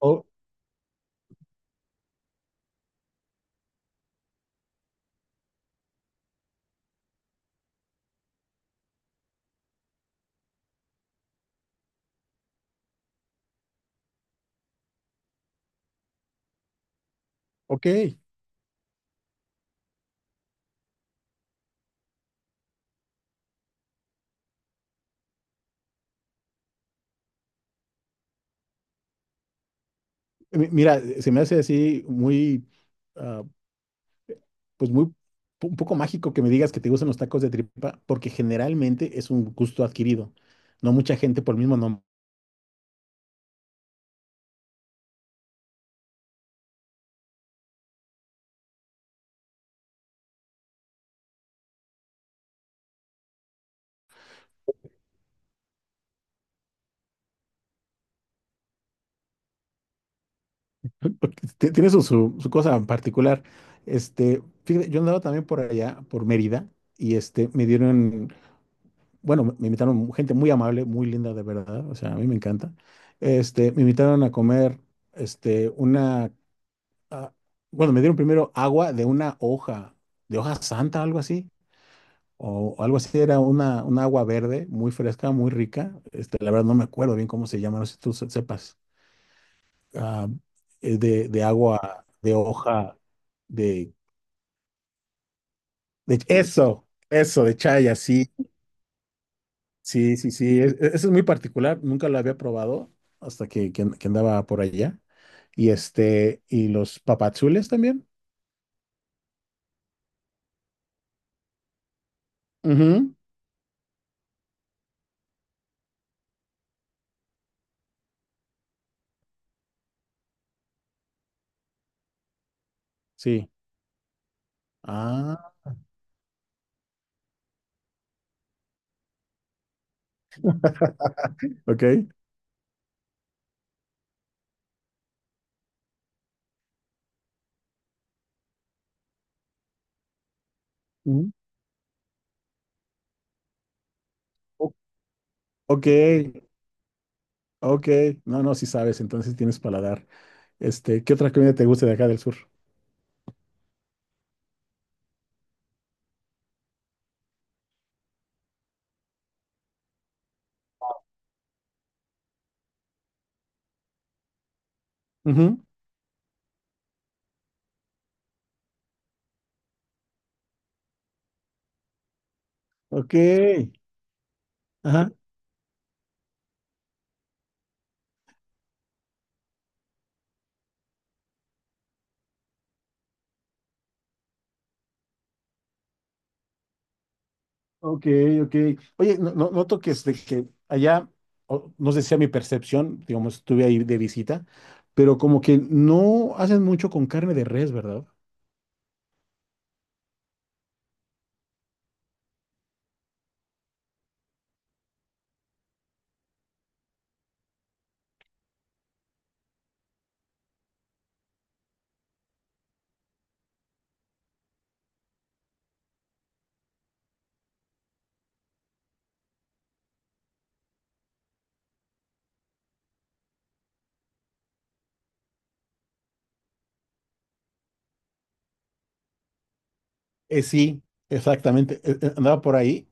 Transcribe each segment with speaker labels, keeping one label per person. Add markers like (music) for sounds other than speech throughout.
Speaker 1: Oh, ok. Mira, se me hace así muy, ah, pues muy, un poco mágico que me digas que te gustan los tacos de tripa, porque generalmente es un gusto adquirido. No mucha gente por el mismo nombre, (laughs) porque tiene su, su, su cosa en particular. Fíjate, yo andaba también por allá, por Mérida, y me dieron, bueno, me invitaron gente muy amable, muy linda de verdad, o sea, a mí me encanta. Me invitaron a comer, una ah, bueno, me dieron primero agua de una hoja, de hoja santa, algo así, o algo así, era una agua verde, muy fresca, muy rica. La verdad no me acuerdo bien cómo se llama, no sé si tú sepas. Ah, es de agua, de hoja, de, de... Eso, de chaya, sí, sí, sí, sí. Eso es muy particular, nunca lo había probado hasta que andaba por allá. Y y los papazules también. Ujú, sí. Ah, ok. O- Ok, ok. No, no, si sabes, entonces tienes paladar. ¿Qué otra comida te gusta de acá del sur? Ujú, ok, ajá, ok, ok. Oye, no, noto que, que allá, no sé si a mi percepción, digamos, estuve ahí de visita, pero como que no hacen mucho con carne de res, ¿verdad? Sí, exactamente. Andaba por ahí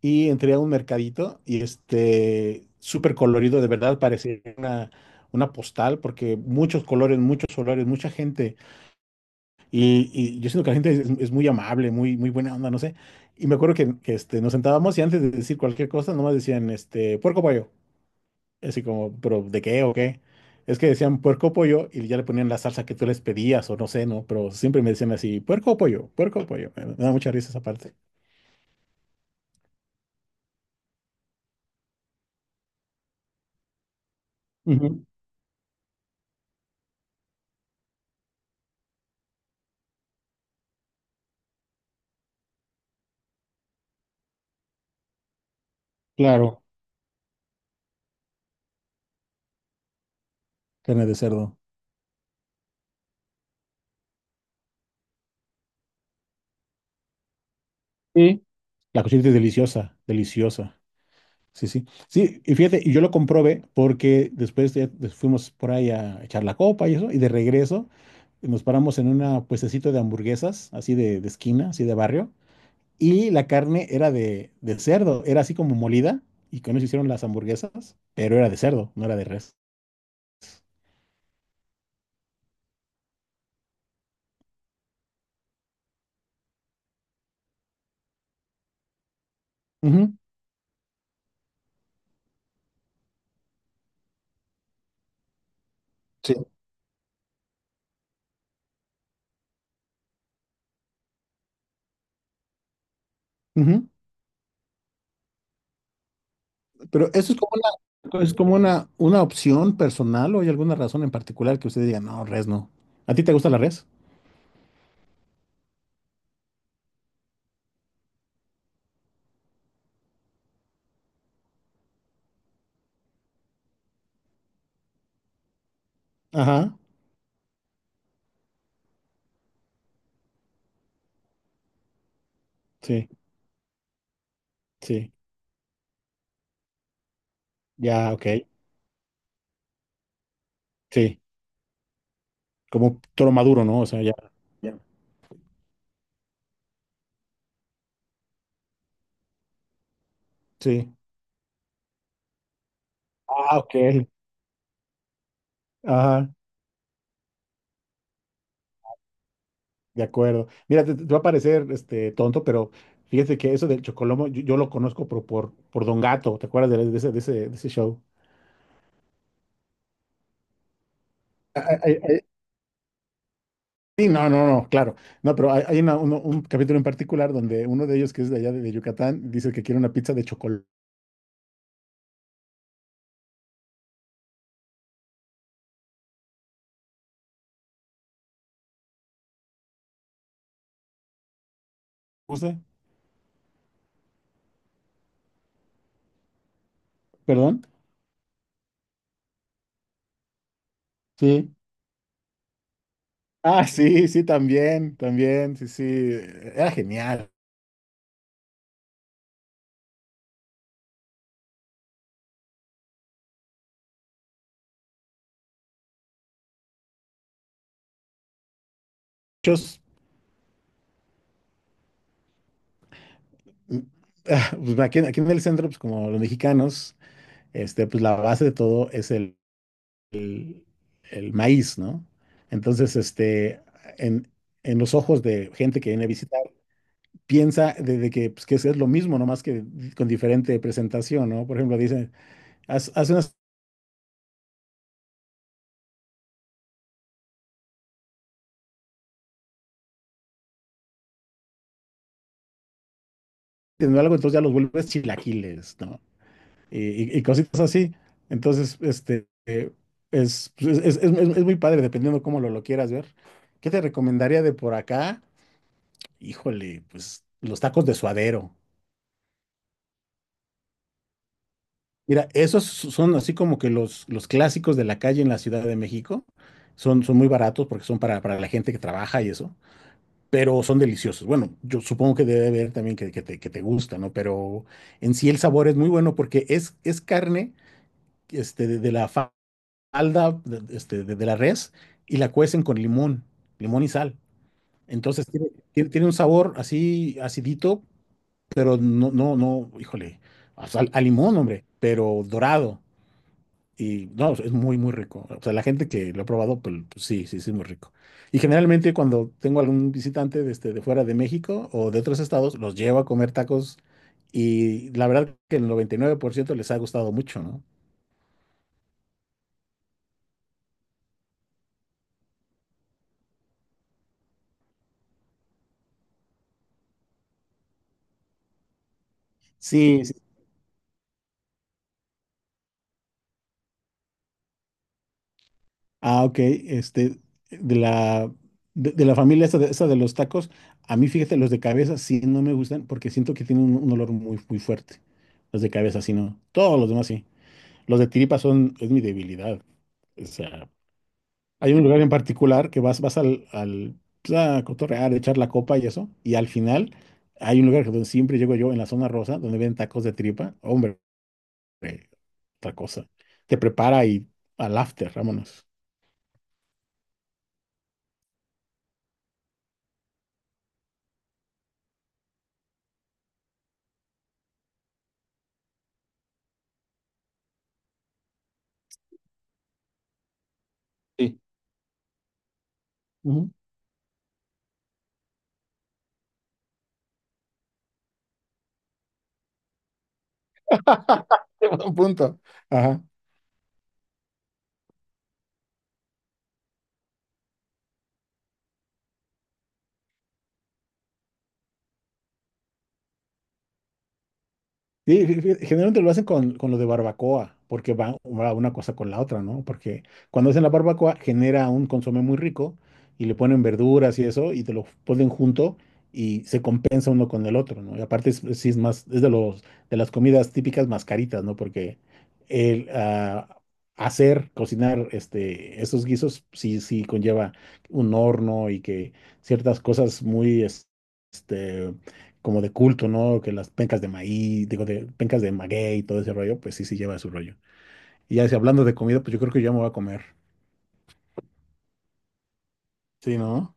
Speaker 1: y entré a un mercadito y súper colorido, de verdad, parecía una postal porque muchos colores, muchos olores, mucha gente. Y yo siento que la gente es muy amable, muy, muy buena onda, no sé. Y me acuerdo que nos sentábamos y antes de decir cualquier cosa, nomás decían, puerco pollo. Así como, pero ¿de qué o qué? Es que decían puerco pollo y ya le ponían la salsa que tú les pedías o no sé, ¿no? Pero siempre me decían así, puerco o pollo, puerco o pollo. Me da mucha risa esa parte. Ujú, claro. Carne de cerdo. Sí, la cochinita es deliciosa, deliciosa. Sí, sí. Sí, y fíjate, y yo lo comprobé porque después ya fuimos por ahí a echar la copa y eso, y de regreso nos paramos en una puestecito de hamburguesas, así de esquina, así de barrio, y la carne era de cerdo, era así como molida, y con eso hicieron las hamburguesas, pero era de cerdo, no era de res. Ujú, sí. Ujú. Pero eso es como una opción personal o hay alguna razón en particular que usted diga, no, res no. ¿A ti te gusta la res? Ajá. Sí, sí, ya, ok. Sí, como toro maduro, ¿no? O sea, ya. Ya. Sí. Ah, ok. Ajá, de acuerdo. Mira, te va a parecer tonto, pero fíjate que eso del Chocolomo, yo lo conozco por Don Gato, ¿te acuerdas de ese, de ese, de ese show? Ah, ah, ah, ah, Sí, no, no, no, claro. No, pero hay, un capítulo en particular donde uno de ellos, que es de allá de Yucatán, dice que quiere una pizza de chocolate. ¿Perdón? Sí. Ah, sí, sí, también, también, sí, sí. Era genial. Mm, ah, pues aquí, aquí en el centro, pues como los mexicanos, pues la base de todo es el- el maíz, ¿no? Entonces, en, en los ojos de gente que viene a visitar, piensa de que, pues, que es lo mismo, no más que con diferente presentación, ¿no? Por ejemplo, dicen, haz teniendo algo, entonces ya los vuelves chilaquiles, ¿no? Y, y cositas así. Entonces, es, pues, es muy padre, dependiendo cómo lo quieras ver. ¿Qué te recomendaría de por acá? Híjole, pues los tacos de suadero. Mira, esos son así como que los clásicos de la calle en la Ciudad de México. Son, son muy baratos porque son para la gente que trabaja y eso, pero son deliciosos. Bueno, yo supongo que debe haber también que te gusta, ¿no? Pero en sí el sabor es muy bueno porque es carne de la falda de, de la res y la cuecen con limón, limón y sal. Entonces tiene, tiene un sabor así acidito, pero no, no, no, híjole, o sea, a limón, hombre, pero dorado. Y no, es muy, muy rico. O sea, la gente que lo ha probado, pues, pues sí, sí, sí, es muy rico. Y generalmente cuando tengo algún visitante de, de fuera de México o de otros estados, los llevo a comer tacos y la verdad que el 99% les ha gustado mucho, ¿no? Sí, ah, ok. De la, de la familia esa de los tacos, a mí fíjate, los de cabeza sí no me gustan porque siento que tienen un olor muy, muy fuerte. Los de cabeza sí no. Todos los demás sí. Los de tiripa son, es mi debilidad. O sea, hay un lugar en particular que vas, vas al, al pues, a cotorrear, echar la copa y eso, y al final hay un lugar donde siempre llego yo, en la zona rosa, donde ven tacos de tripa. Hombre, eh, otra cosa. Te prepara y al after, vámonos. Sí. (laughs) Buen punto. Ajá. Sí, generalmente lo hacen con lo de barbacoa, porque va una cosa con la otra, ¿no? Porque cuando hacen la barbacoa genera un consomé muy rico y le ponen verduras y eso y te lo ponen junto y se compensa uno con el otro, ¿no? Y aparte es, sí es más, es de los, de las comidas típicas más caritas, ¿no? Porque el ah, hacer, cocinar esos guisos sí, sí conlleva un horno y que ciertas cosas muy... como de culto, ¿no? Que las pencas de maíz, digo, de pencas de maguey y todo ese rollo, pues sí, sí lleva su rollo. Y ya si hablando de comida, pues yo creo que yo me voy a comer. Sí, ¿no?